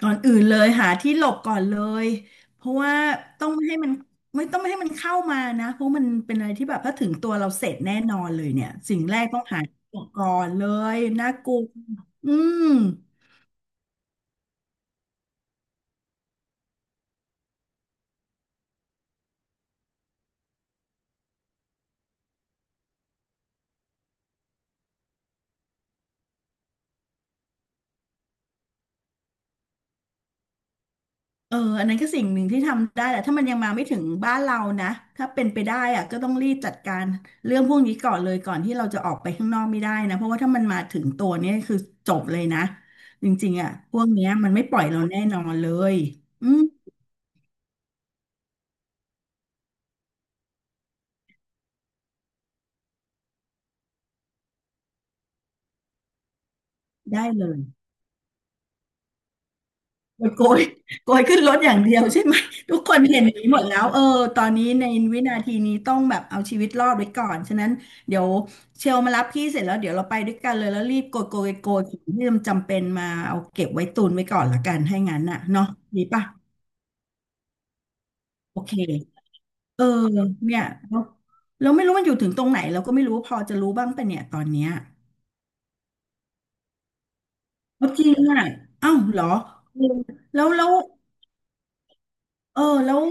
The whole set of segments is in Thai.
ก่อนอื่นเลยหาที่หลบก่อนเลยเพราะว่าต้องไม่ให้มันต้องไม่ให้มันเข้ามานะเพราะมันเป็นอะไรที่แบบถ้าถึงตัวเราเสร็จแน่นอนเลยเนี่ยสิ่งแรกต้องหาที่หลบก่อนเลยน่ากลัวอืมเอออันนั้นก็สิ่งหนึ่งที่ทำได้แหละถ้ามันยังมาไม่ถึงบ้านเรานะถ้าเป็นไปได้อะก็ต้องรีบจัดการเรื่องพวกนี้ก่อนเลยก่อนที่เราจะออกไปข้างนอกไม่ได้นะเพราะว่าถ้ามันมาถึงตัวเนี่ยคือจบเลยนะจริงๆอะพวกเนี้ยมันไม่ปล่อยเราแน่นอนเลยอืมได้เลย มันโกยขึ้นรถอย่างเดียวใช่ไหม ทุกคนเห็นอย่างนี้หมดแล้วเออตอนนี้ในวินาทีนี้ต้องแบบเอาชีวิตรอดไว้ก่อนฉะนั้นเดี๋ยวเชลมารับพี่เสร็จแล้วเดี๋ยวเราไปด้วยกันเลยแล้วรีบโกยของที่มันจำเป็นมาเอาเก็บไว้ตุนไว้ก่อนละกันให้งั้นน่ะเนาะดีป่ะโอเคเออเนี่ยแล้วแล้วไม่รู้มันอยู่ถึงตรงไหนเราก็ไม่รู้พอจะรู้บ้างปะเนี่ยตอนเนี้ยเอาจริงอ่ะเอ้าวเหรอเออแล้วแล้ว แล้ว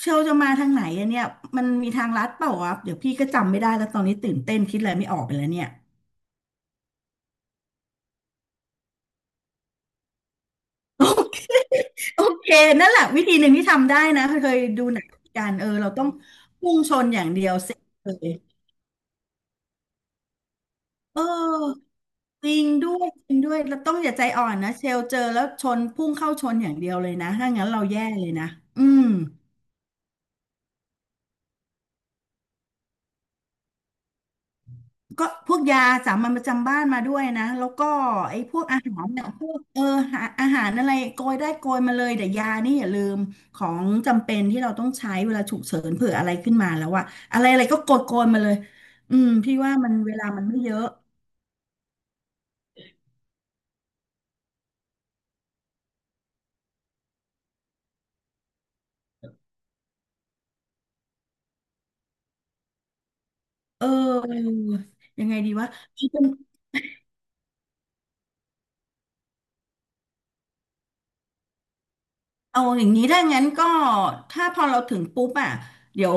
เชลจะมาทางไหนอะเนี่ยมันมีทางลัดเปล่าวะเดี๋ยวพี่ก็จำไม่ได้แล้วตอนนี้ตื่นเต้นคิดอะไรไม่ออกไปแล้วเนี่ย โอเคโอเคนั่นแหละวิธีหนึ่งที่ทำได้นะเคยดูหนังกันเออเราต้องพุ่งชนอย่างเดียวเสร็จเลยเออจริงด้วยจริงด้วยเราต้องอย่าใจอ่อนนะเชลเจอแล้วชนพุ่งเข้าชนอย่างเดียวเลยนะถ้างั้นเราแย่เลยนะอืม ก็พวกยาสามัญประจำบ้านมาด้วยนะแล้วก็ไอ้พวกอาหารเนี่ยพวกอาหารอะไรโกยได้โกยมาเลยแต่ยานี่อย่าลืมของจำเป็นที่เราต้องใช้เวลาฉุกเฉินเผื่ออะไรขึ้นมาแล้วอะอะไรอะไรก็โกยมาเลยอืมพี่ว่ามันเวลามันไม่เยอะเออยังไงดีวะ เอาอย่างนี้ถ้างั้นก็ถ้าพอเราถึงปุ๊บอ่ะเดี๋ยว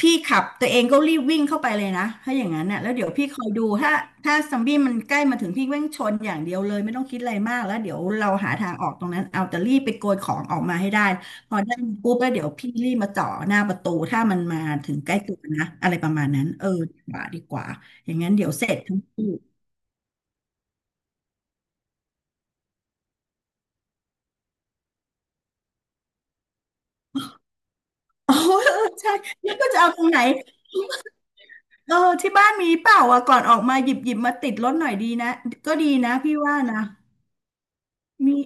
พี่ขับตัวเองก็รีบวิ่งเข้าไปเลยนะถ้าอย่างนั้นน่ะแล้วเดี๋ยวพี่คอยดูถ้าซอมบี้มันใกล้มาถึงพี่วิ่งชนอย่างเดียวเลยไม่ต้องคิดอะไรมากแล้วเดี๋ยวเราหาทางออกตรงนั้นเอาแต่รีบไปโกยของออกมาให้ได้พอได้ปุ๊บแล้วเดี๋ยวพี่รีบมาจ่อหน้าประตูถ้ามันมาถึงใกล้ตัวนะอะไรประมาณนั้นเออดีกว่าดีกว่าอย่างนั้นเดี๋ยวเสร็จทั้งคู่ โอ้เออใช่แล้วก็จะเอาตรงไหน เออที่บ้านมีเปล่าอ่ะก่อนออกมาหยิบมาติดรถหน่อยดีนะก็ดีนะพี่ว่านะมี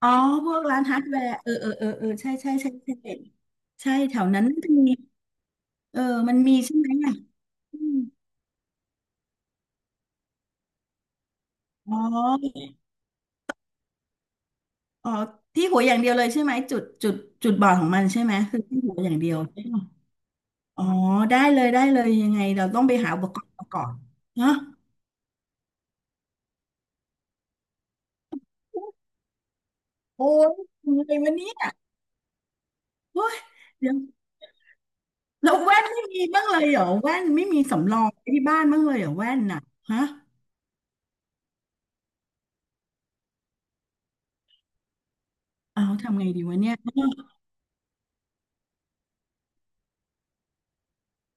อ๋อพวกร้านฮาร์ดแวร์เออเออเออเออใช่ใช่ใช่ใช่ใช่แถวนั้นมันมีเออมันมีใช่ไหมอ่ะอืมอ๋ออ๋อที่หัวอย่างเดียวเลยใช่ไหมจุดบอดของมันใช่ไหมคือที่หัวอย่างเดียวใช่ปะอ๋อได้เลยได้เลยยังไงเราต้องไปหาอุปกรณ์มาก่อนนะโอ้ยทำอะไรวะเนี่ยโอ้ยเดี๋ยว แล้วแว่นไม่มีบ้างเลยเหรอแว่นไม่มีสำรองไว้ที่บ้านบ้างเลยเหรอแว่นน่ะฮะเอาทำไงดีวะเนี่ย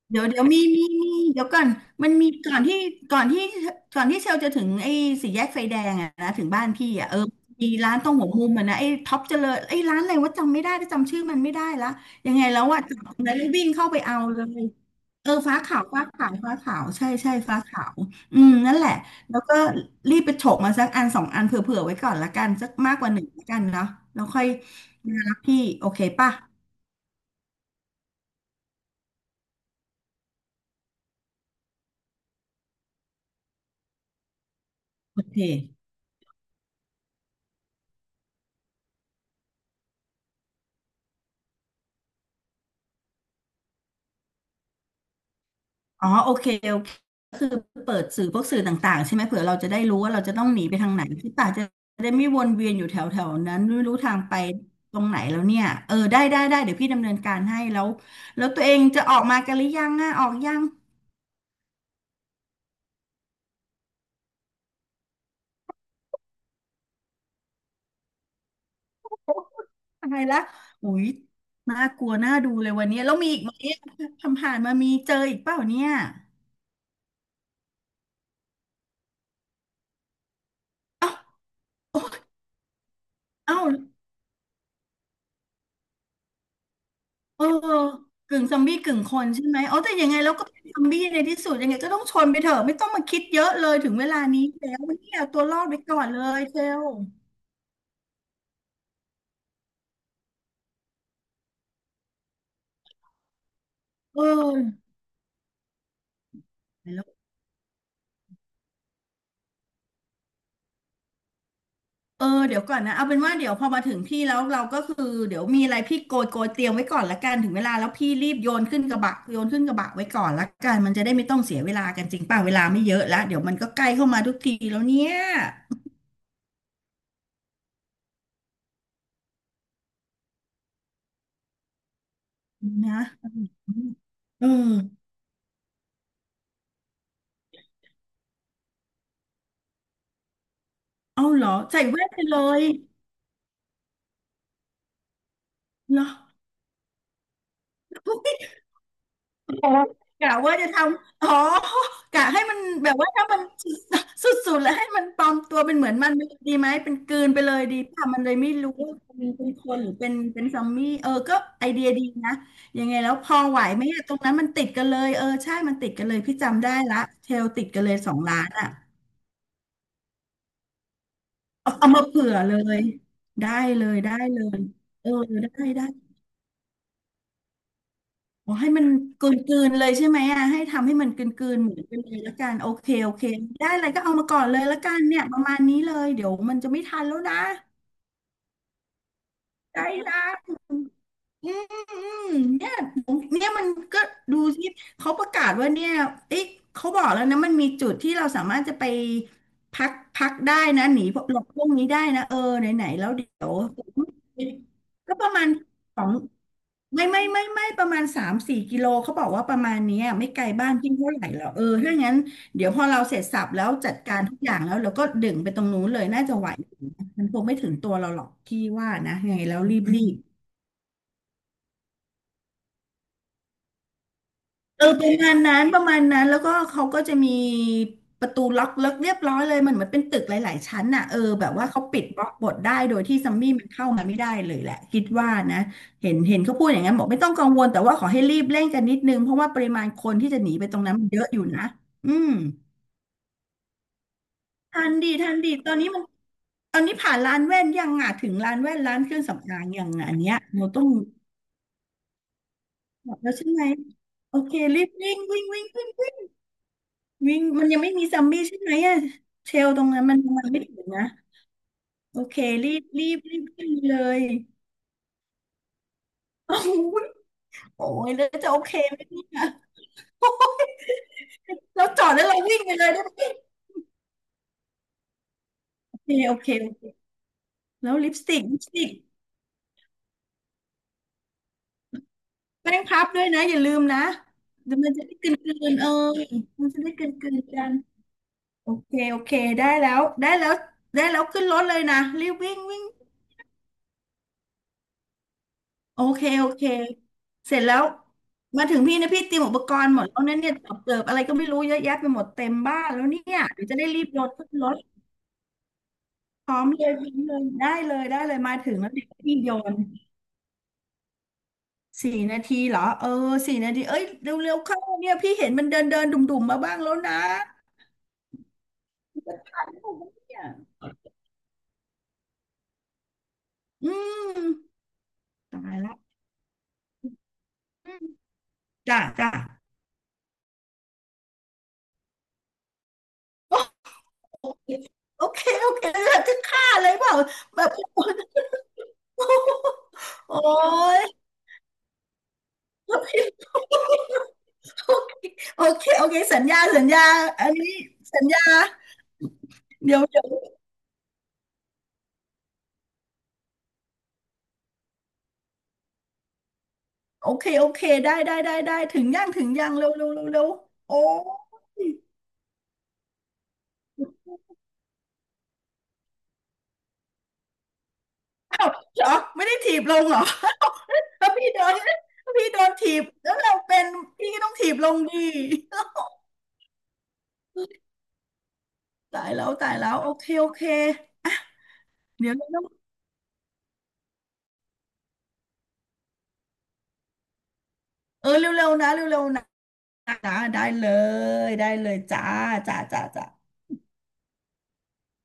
เดี๋ยวมีเดี๋ยวก่อนมันมีก่อนที่ก่อนที่เชลจะถึงไอ้สี่แยกไฟแดงอะนะถึงบ้านพี่อะเออมีร้านตรงหัวมุมอะนะไอ้ท็อปเจริญไอ้ร้านอะไรว่าจำไม่ได้แต่จำชื่อมันไม่ได้ละยังไงแล้วว่าจับแล้ววิ่งเข้าไปเอาเลยเออฟ้าขาวฟ้าขาวใช่ใช่ฟ้าขาวอืมนั่นแหละแล้วก็รีบไปฉกมาสักอันสองอันเผื่อๆไว้ก่อนละกันสักมากกว่าหนึ่งละกันเนาะแล้วค่อยมารับพี่โอเคป่ะโอเค อ๋อโอเคก็คือเปิดสื่อพวกสื่อต่างๆใช่ไหมเผื่อเราจะได้รู้ว่าเราจะต้องหนีไปทางไหนที่ป่าจะได้ไม่วนเวียนอยู่แถวๆนั้นไม่รู้ทางไปตรงไหนแล้วเนี่ยเออได้เดี๋ยวพี่ดำเนินการให้แล้วแล้วตัวเองจะออกมากันหรือยังอ่ะออกยังอะไรละอุ้ยน่ากลัวน่าดูเลยวันนี้แล้วมีอีกไหมทำผ่านมามีเจออีกเปล่าเนี่ยเอ้าเอ้า เออกึ่งซอมบี้กึ่งคนใช่ไหมอ๋อแต่ยังไงเราก็เป็นซอมบี้ในที่สุดยังไงก็ต้องชนไปเถอะไม่ต้องมาคิดเยอะเลยถึงเวลานี้แล้ววันนี้เอาตัวรอดไปก่อนเลยเชลเออแล้วเดี๋ยวก่อนนะเอาเป็นว่าเดี๋ยวพอมาถึงพี่แล้วเราก็คือเดี๋ยวมีอะไรพี่โกยเตรียมไว้ก่อนละกันถึงเวลาแล้วพี่รีบโยนขึ้นกระบะโยนขึ้นกระบะไว้ก่อนละกันมันจะได้ไม่ต้องเสียเวลากันจริงป่ะเวลาไม่เยอะแล้วเดี๋ยวมันก็ใกล้เข้ามาทุกทีแล้วเนี่ยนะเออเอาเหรอใส่แว่นไปเลยเหรอ กะว่าจะทำอ๋อกะให้มันแบบว่าถ้ามันสุดๆแล้วให้มันปลอมตัวเป็นเหมือนมันดีไหมเป็นกลืนไปเลยดีป่ะมันเลยไม่รู้ว่าเป็นคนหรือเป็นซอมบี้เออก็ไอเดียดีนะยังไงแล้วพอไหวไหมอะตรงนั้นมันติดกันเลยเออใช่มันติดกันเลยพี่จำได้ละเทลติดกันเลยสองล้านอ่ะเอาเอามาเผื่อเลยได้เลยได้เลยเออได้ได้ อ๋อให้มันกลืนๆเลยใช่ไหมอ่ะให้ทำให้มันกลืนๆเหมือนกันเลยละกันโอเคโอเคได้อะไรก็เอามาก่อนเลยละกันเนี่ยประมาณนี้เลยเดี๋ยวมันจะไม่ทันแล้วนะได้ละอืมอืมเนี่ยผมเนี่ยมันก็ดูสิเขาประกาศว่าเนี่ยเอ๊ะเขาบอกแล้วนะมันมีจุดที่เราสามารถจะไปพักได้นะหนีพวกนี้ได้นะเออไหนๆแล้วเดี๋ยวก็ประมาณสอง ไม่ประมาณสามสี่กิโลเขาบอกว่าประมาณเนี้ยไม่ไกลบ้านพี่เท่าไหร่หรอกเออถ้างั้นเดี๋ยวพอเราเสร็จสับแล้วจัดการทุกอย่างแล้วเราก็ดึงไปตรงนู้นเลยน่าจะไหวมันคงไม่ถึงตัวเราหรอกพี่ว่านะยังไงแล้วรีบ เออประมาณนั้นประมาณนั้นแล้วก็เขาก็จะมีประตูล็อกเลิกเรียบร้อยเลยมันเหมือนเป็นตึกหลายๆชั้นน่ะเออแบบว่าเขาปิดบล็อกบดได้โดยที่ซัมมี่มันเข้ามาไม่ได้เลยแหละคิดว่านะเห็นเขาพูดอย่างนั้นบอกไม่ต้องกังวลแต่ว่าขอให้รีบเร่งกันนิดนึงเพราะว่าปริมาณคนที่จะหนีไปตรงนั้นมันเยอะอยู่นะอืมทันดีทันดีตอนนี้มันตอนนี้ผ่านร้านแว่นยังอ่ะถึงร้านแว่นร้านเครื่องสำอางยังอะอันเนี้ยเราต้องบอกแล้วใช่ไหมโอเครีบวิ่งวิ่งวิ่งวิ่ง วิ่งมันยังไม่มีซอมบี้ใช่ไหมอะเชลตรงนั้นมันมันไม่ถึงนะโอเครีบขึ้นเลยโอ้โหโอ้ยแล้วจะโอเคไหมเนี่ยโอ้ย เราจอดแล้วเราวิ่งไปเลยได้ไหมโอเคโอเคโอเคแล้วลิปสติกลิปสติกแป้งพับด้วยนะอย่าลืมนะเดี๋ยวมันจะได้กลืนๆเออมันจะได้กลืนๆกันโอเคโอเคได้แล้วได้แล้วได้แล้วขึ้นรถเลยนะรีบวิ่งวิ่ง โอเคโอเคเสร็จแล้วมาถึงพี่นะพี่เตรียมอุปกรณ์หมดแล้วนั่นเนี่ยตอบเติบอะไรก็ไม่รู้เยอะแยะไปหมดเต็มบ้านแล้วเนี่ยเดี๋ยวจะได้รีบโยนขึ้นรถพร้อมเลยพร้อมเลยได้เลยได้เลยมาถึงแล้วเดี๋ยวพี่โยนสี่นาทีเหรอเออสี่นาทีเอ้ยเร็วๆเข้าเนี่ยพี่เห็นมันเดินเดินดุ่มๆมาบ้างแล้วนะจะตายแล้วเนี่ยอืมตายละอืมจ้าจ้าโอเคโอเคโอเคจะฆ่าเลยเปล่าแบบ โอ้ย ไม่รู้โอเคโอเคโอเคสัญญาสัญญาอันนี้สัญญาเดี๋ยวเดี๋ยวโอเคโอเคได้ได้ได้ได้ถึงยังถึงยังเร็วเร็วเร็วเร็วโอ้ยอ้าวเหรอไม่ได้ถีบลงเหรอถ้าพี่โดนถีบแล้วเราเป็นพี่ก็ต้องถีบลงดีตายแล้วตายแล้วโอเคโอเคเดี๋ยวเร็วๆเออเร็วๆนะเร็วๆนะนะได้เลยได้เลยจ้าจ้าจ้าจ้า